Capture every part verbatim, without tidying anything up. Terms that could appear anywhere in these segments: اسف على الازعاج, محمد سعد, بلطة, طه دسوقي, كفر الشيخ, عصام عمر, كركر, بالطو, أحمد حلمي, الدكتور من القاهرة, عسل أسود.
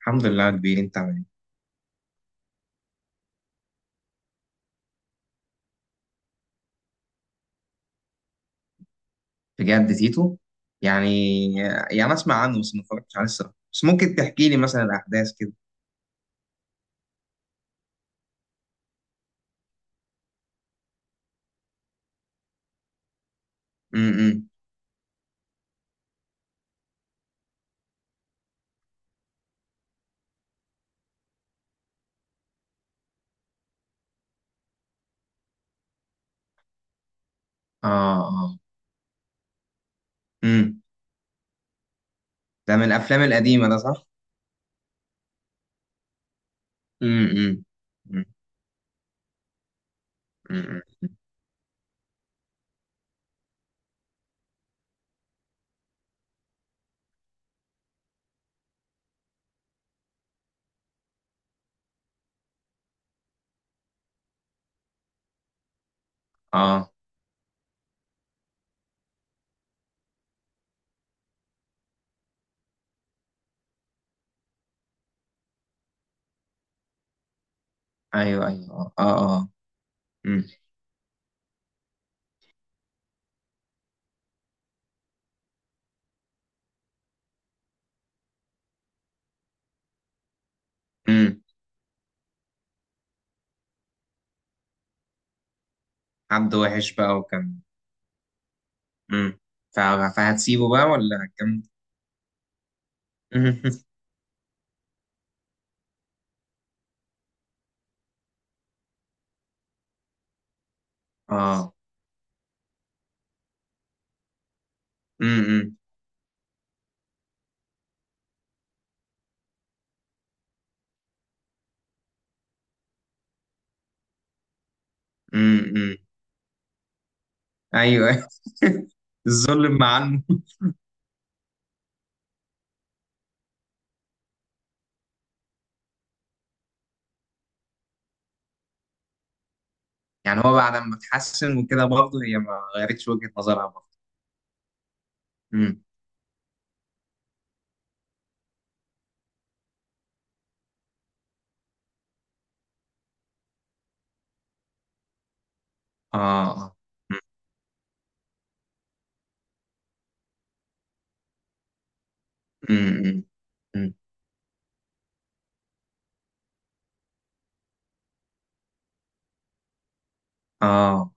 الحمد لله يا كبير، انت عامل ايه؟ بجد تيتو؟ يعني يعني اسمع عنه بس ما اتفرجتش عليه الصراحه، بس ممكن تحكي لي مثلا الاحداث كده؟ امم. اه. اه. امم. ده من الافلام القديمه ده، صح؟ امم. امم. اه. ايوه ايوه اه اه اه. مم. مم. حد وحش بقى وكان. امم. ف- فهتسيبه بقى ولا هتكمل؟ مم. اه. امم. امم. ايوه. الظلم مع المو- يعني هو بعد ما اتحسن وكده برضه هي ما غيرتش وجهة نظرها؟ امم. اه. امم. امم. اه.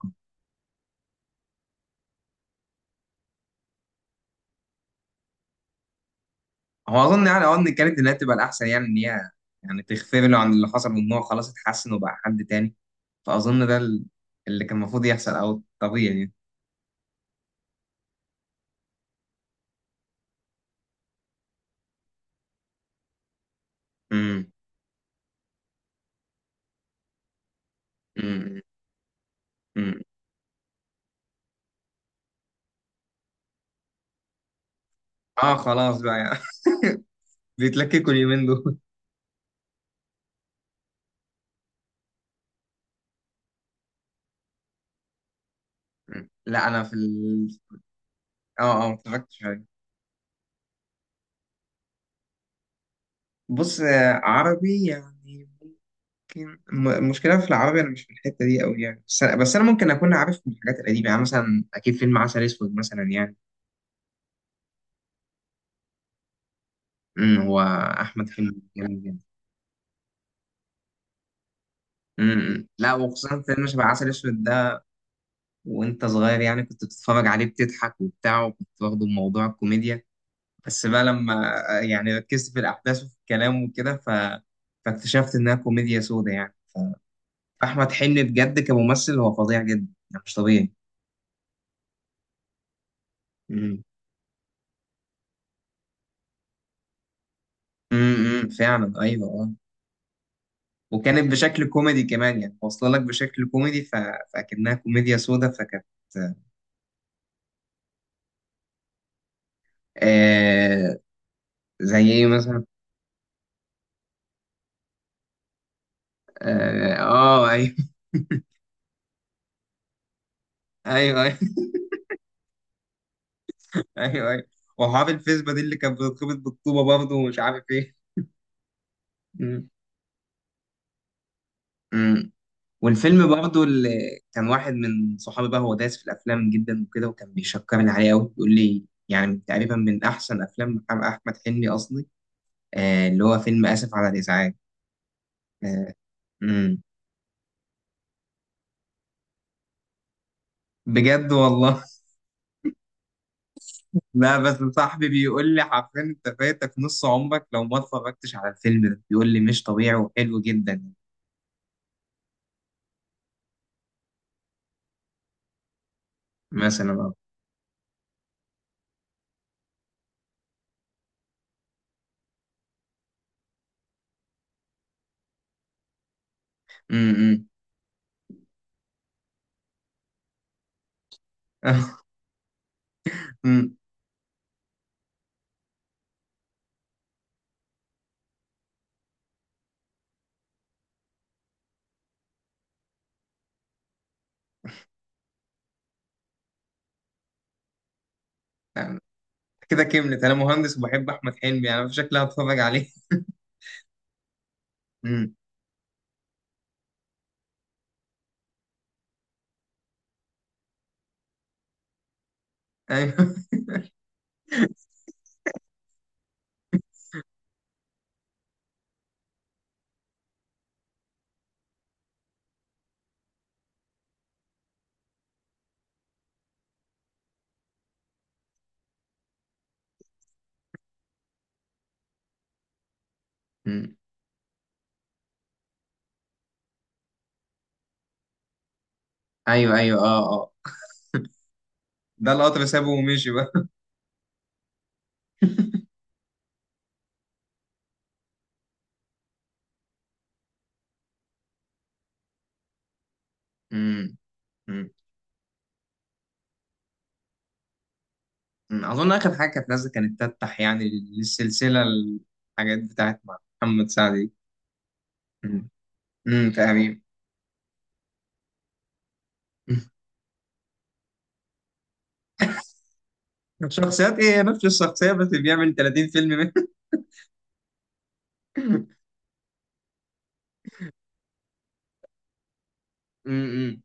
هو اظن يعني، اه، ان كانت اللي هي بتبقى الاحسن، يعني ان هي يعني تغفر له عن اللي حصل، وان هو خلاص اتحسن وبقى حد تاني. فاظن ده ال- اللي كان المفروض يحصل، او الطبيعي يعني. امم. امم. امم. اه خلاص بقى يعني. بيتلككوا اليومين دول. لا انا في ال... اه اه، ما اتفرجتش عليه. بص، آه، عربي يعني. ممكن الم- المشكلة في العربي، أنا مش في الحتة دي أوي يعني، بس أنا, بس أنا ممكن أكون عارف من الحاجات القديمة، يعني مثلا أكيد فيلم عسل أسود مثلا يعني. أمم، هو. أحمد حلمي جامد جدا. أمم، إمم. لا، وخصوصا فيلم شبه عسل أسود ده، وأنت صغير يعني كنت بتتفرج عليه بتضحك وبتاع، وكنت واخده بموضوع الكوميديا. بس بقى لما آه، يعني ركزت في الأحداث وفي الكلام وكده، ف... فاكتشفت إنها كوميديا سودا يعني. فأحمد حلمي بجد كممثل هو فظيع جدا يعني، مش طبيعي. أمم. امم، إمم، فعلا ايوه آه. وكانت بشكل كوميدي كمان، يعني واصله لك بشكل كوميدي، ف... فاكنها كوميديا سودا، فكانت آه. زي ايه مثلا؟ اه، آه ايوه. ايوه ايوه ايوه ايوه. وحافظ الفيسبا دي اللي كانت بترتبط بالطوبه برضه ومش عارف ايه. مم. مم. والفيلم برضه اللي كان واحد من صحابي بقى، هو دايس في الافلام جدا وكده، وكان بيشكرني عليه قوي، بيقول لي يعني تقريبا من احسن افلام محمد- احمد حلمي قصدي، آه اللي هو فيلم اسف على الازعاج. آه. مم. بجد والله. لا بس صاحبي بيقول لي حرفيا انت فاتك نص عمرك لو ما اتفرجتش على الفيلم ده، بيقول لي مش طبيعي وحلو جدا. مثلا اه. امم. امم. كده كملت، انا مهندس وبحب احمد حلمي، يعني انا في شكلي هتفرج عليه. امم. ايوه. امم. ايوه ايوه اه اه. ده القطر سابه ومشي بقى. امم. امم. أمم. اظن اخر حاجه كانت نازله كانت تفتح يعني للسلسله، الحاجات بتاعت محمد سعد دي. امم. امم تقريبا. الشخصيات ايه، هي نفس الشخصية بس بيعمل ثلاثين فيلم منه. امم.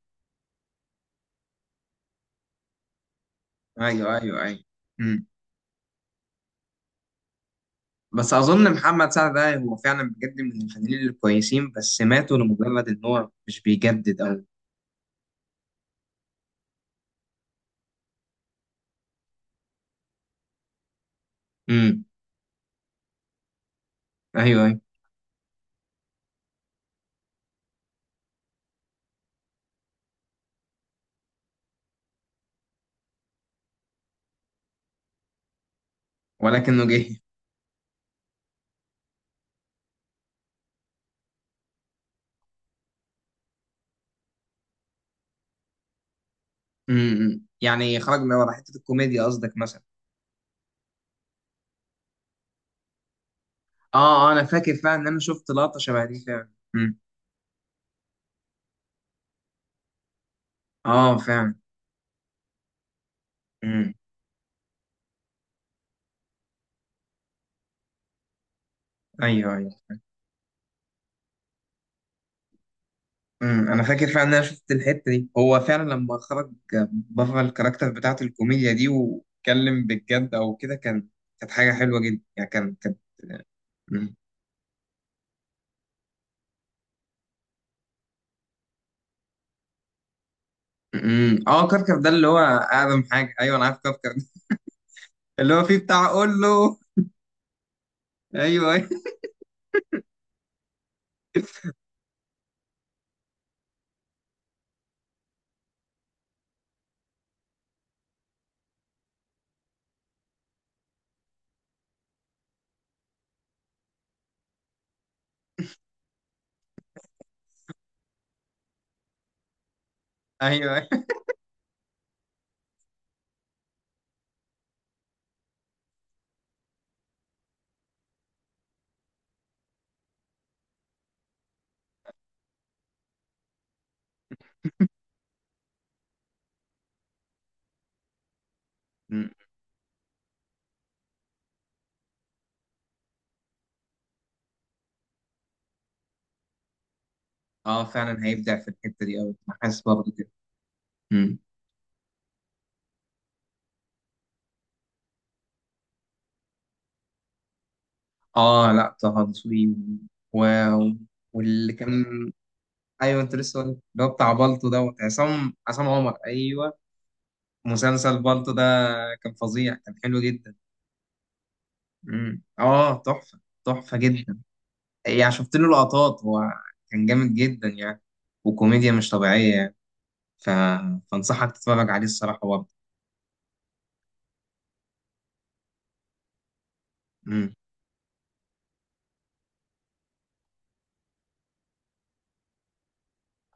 ايوه ايوه ايوه. مم. بس اظن محمد سعد ده هو فعلا بجد من الفنانين الكويسين، بس ماتوا لمجرد ان هو مش بيجدد او. امم. ايوه ايوه. ولكنه جه. امم. يعني خرج من ورا حتة الكوميديا قصدك مثلا؟ اه اه، انا فاكر فعلا ان انا شفت لقطة شبه دي فعلا. امم. اه فعلا. امم. ايوه ايوه. امم، انا فاكر فعلا ان انا شفت الحته دي هو فعلا لما خرج بره الكاركتر بتاعت الكوميديا دي واتكلم بالجد او كده، كان كانت حاجه حلوه جدا يعني، كان كانت. مم. مم. اه كركر ده اللي هو اقدم حاجه، ايوه انا عارف كركر ده. اللي هو فيه بتاع اقول له. ايوه ايوه. ايوه أيوة. مم. اه فعلا هيبدع في الحته دي قوي، انا حاسس برضه كده. مم. اه لا، طه دسوقي. و. و- واللي كان. ايوه، انت لسه قلت اللي هو بتاع بالطو دوت عصام، عصام عمر، ايوه. مسلسل بالطو ده كان فظيع، كان حلو جدا. امم. اه تحفة. تحفة جدا. يعني شفت له لقطات، هو كان جامد جدا يعني، وكوميديا مش طبيعية يعني، ف... فانصحك تتفرج عليه الصراحة برضه. امم.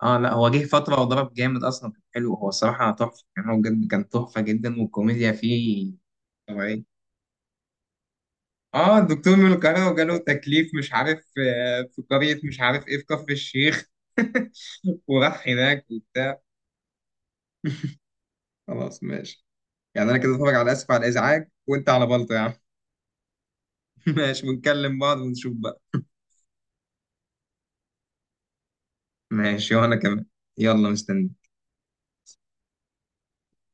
اه لا هو جه فترة وضرب جامد اصلا، كان حلو، هو الصراحة تحفة يعني، هو بجد كان تحفة جدا والكوميديا فيه طبيعية. اه الدكتور من القاهرة وجاله تكليف، مش عارف آه، في قرية، مش عارف ايه، في كفر الشيخ. وراح هناك وبتاع. خلاص ماشي. يعني انا كده اتفرج على اسف على الازعاج وانت على بلطة يا عم. ماشي، بنكلم بعض ونشوف بقى. ماشي وانا كمان. يلا مستني.